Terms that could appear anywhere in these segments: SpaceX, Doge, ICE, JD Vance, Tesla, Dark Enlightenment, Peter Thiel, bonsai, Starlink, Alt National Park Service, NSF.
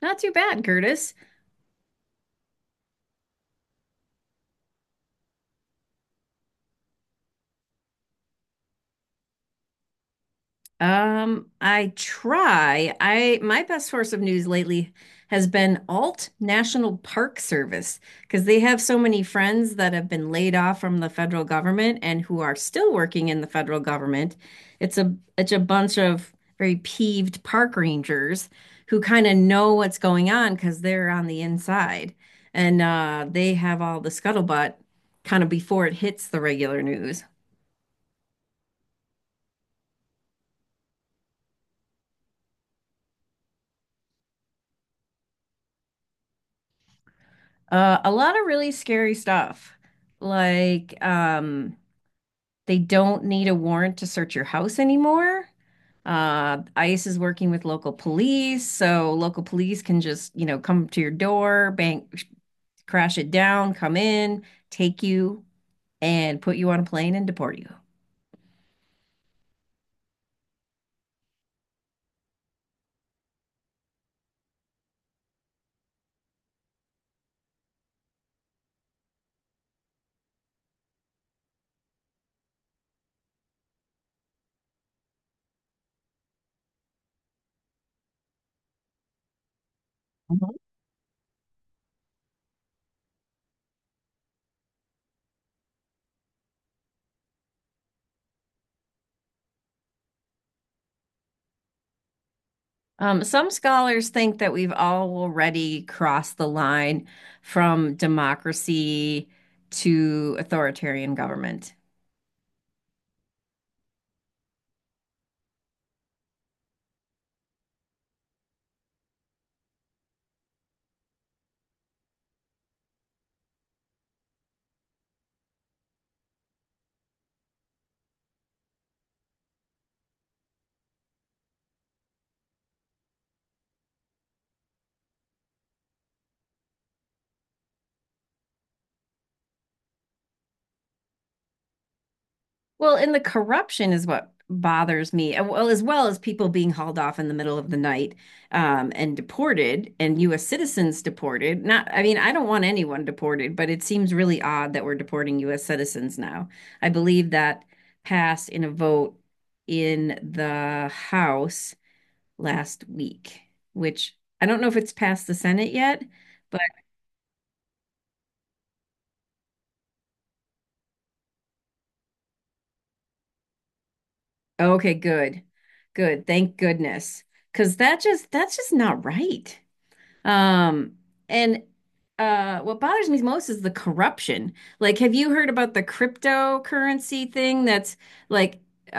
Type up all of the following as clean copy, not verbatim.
Not too bad, Curtis. I try. I my best source of news lately has been Alt National Park Service because they have so many friends that have been laid off from the federal government and who are still working in the federal government. It's a bunch of very peeved park rangers who kind of know what's going on because they're on the inside and they have all the scuttlebutt kind of before it hits the regular news. A lot of really scary stuff. Like, they don't need a warrant to search your house anymore. ICE is working with local police, so local police can just, you know, come to your door, bang, crash it down, come in, take you, and put you on a plane and deport you. Some scholars think that we've already crossed the line from democracy to authoritarian government. Well, and the corruption is what bothers me. Well, as well as people being hauled off in the middle of the night, and deported, and U.S. citizens deported. Not, I mean, I don't want anyone deported, but it seems really odd that we're deporting U.S. citizens now. I believe that passed in a vote in the House last week, which I don't know if it's passed the Senate yet, but okay, good, good. Thank goodness, because that's just not right. Um, and What bothers me most is the corruption. Like, have you heard about the cryptocurrency thing that's like,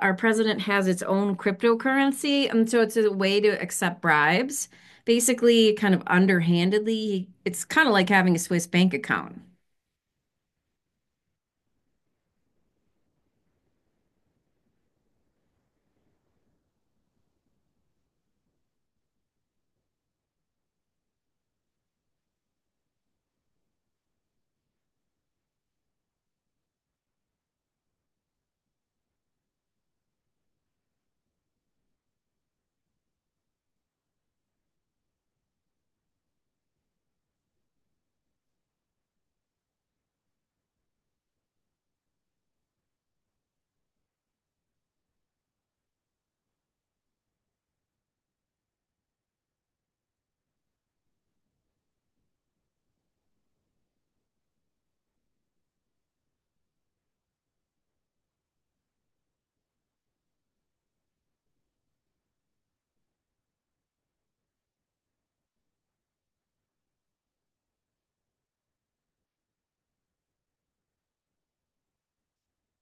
our president has its own cryptocurrency, and so it's a way to accept bribes. Basically, kind of underhandedly, it's kind of like having a Swiss bank account.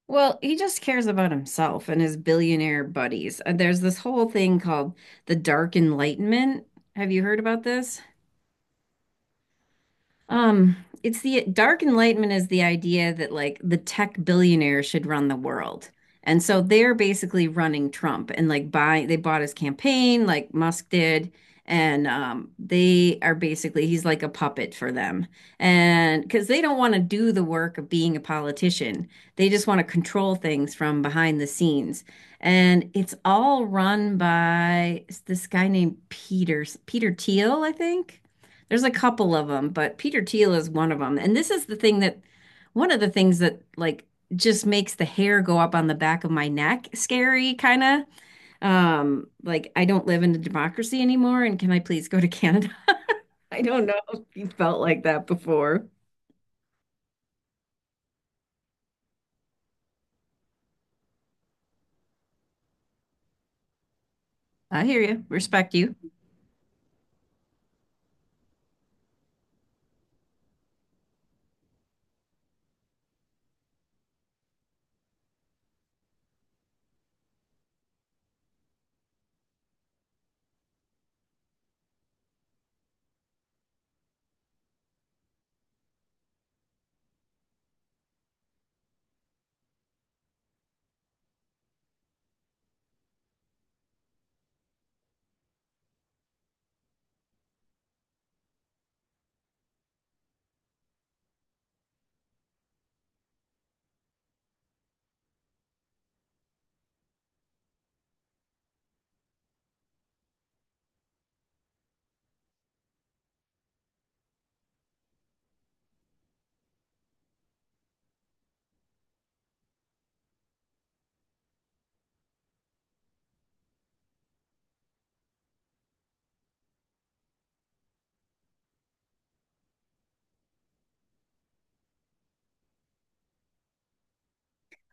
Well, he just cares about himself and his billionaire buddies. There's this whole thing called the Dark Enlightenment. Have you heard about this? Um, it's the dark enlightenment is the idea that like the tech billionaire should run the world. And so they're basically running Trump and like buying they bought his campaign like Musk did. And they are basically he's like a puppet for them. And because they don't want to do the work of being a politician. They just want to control things from behind the scenes. And it's all run by this guy named Peter Thiel, I think. There's a couple of them, but Peter Thiel is one of them. And this is the thing that one of the things that like just makes the hair go up on the back of my neck scary kind of, like, I don't live in a democracy anymore and can I please go to Canada? I don't know if you felt like that before. I hear you. Respect you.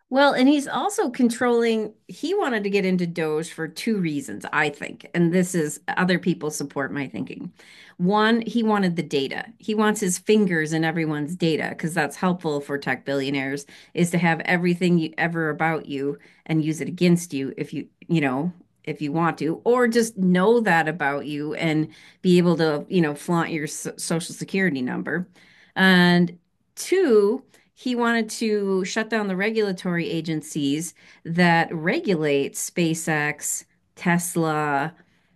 Well, and he's also controlling, he wanted to get into Doge for two reasons, I think. And this is other people support my thinking. One, he wanted the data. He wants his fingers in everyone's data because that's helpful for tech billionaires is to have everything you ever about you and use it against you if you, you know, if you want to, or just know that about you and be able to, you know, flaunt your social security number. And two, he wanted to shut down the regulatory agencies that regulate SpaceX, Tesla,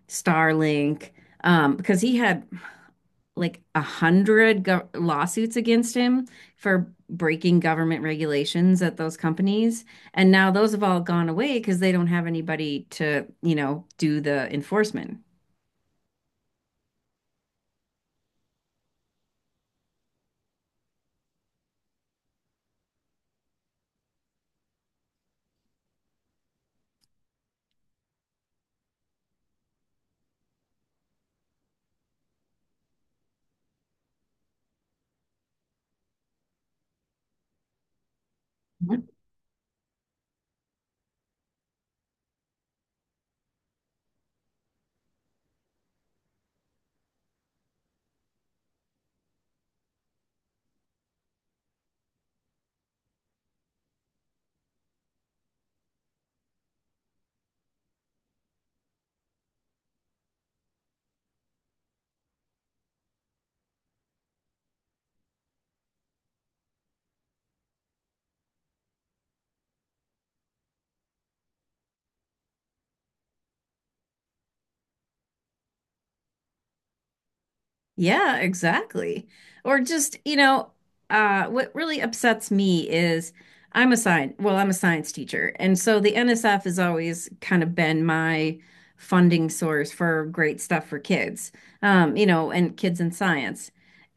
Starlink, because he had like a hundred lawsuits against him for breaking government regulations at those companies. And now those have all gone away because they don't have anybody to, you know, do the enforcement. Yeah, exactly. Or just, you know, what really upsets me is I'm a science teacher. And so the NSF has always kind of been my funding source for great stuff for kids, you know, and kids in science.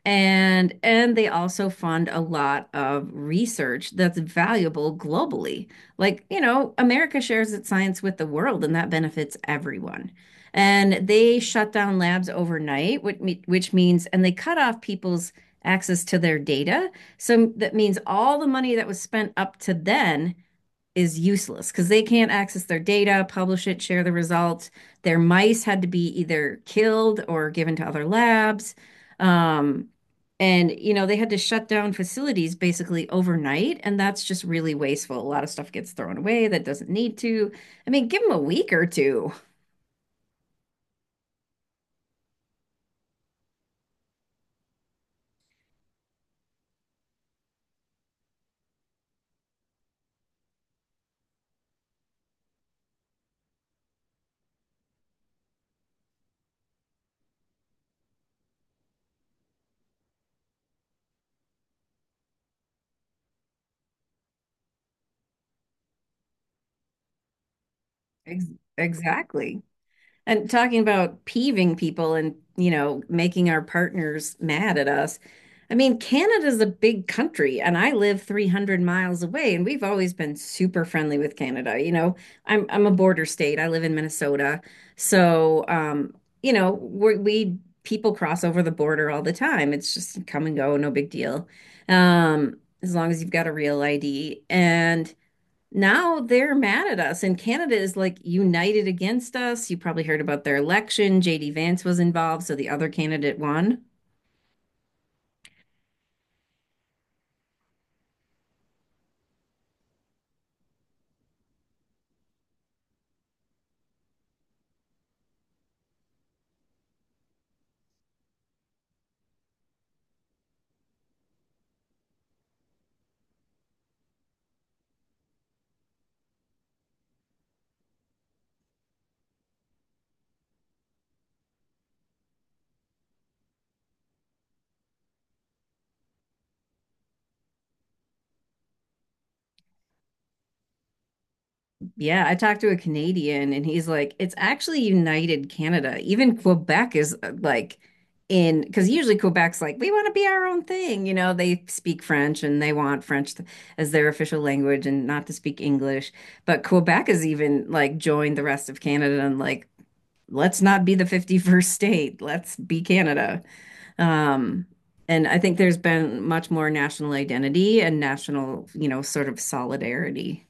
And they also fund a lot of research that's valuable globally. Like, you know, America shares its science with the world and that benefits everyone. And they shut down labs overnight, which means and they cut off people's access to their data. So that means all the money that was spent up to then is useless because they can't access their data, publish it, share the results. Their mice had to be either killed or given to other labs. Um, and, you know, they had to shut down facilities basically overnight. And that's just really wasteful. A lot of stuff gets thrown away that doesn't need to. I mean, give them a week or two. Ex- exactly. And talking about peeving people and, you know, making our partners mad at us. I mean, Canada's a big country and I live 300 miles away and we've always been super friendly with Canada. You know, I'm a border state. I live in Minnesota. So, you know, we people cross over the border all the time. It's just come and go, no big deal. Um, as long as you've got a real ID, and now they're mad at us, and Canada is like united against us. You probably heard about their election. JD Vance was involved, so the other candidate won. Yeah, I talked to a Canadian and he's like, it's actually united Canada. Even Quebec is, like, in, because usually Quebec's like, we want to be our own thing, you know, they speak French and they want French as their official language and not to speak English. But Quebec has even like joined the rest of Canada and like, let's not be the 51st state, let's be Canada. Um, and I think there's been much more national identity and national, you know, sort of solidarity.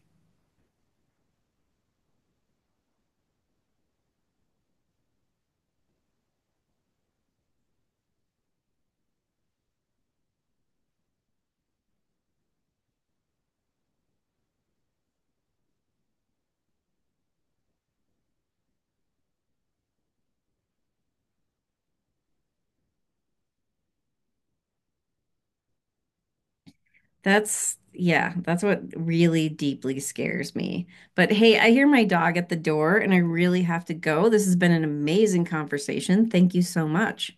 That's, yeah, that's what really deeply scares me. But hey, I hear my dog at the door and I really have to go. This has been an amazing conversation. Thank you so much.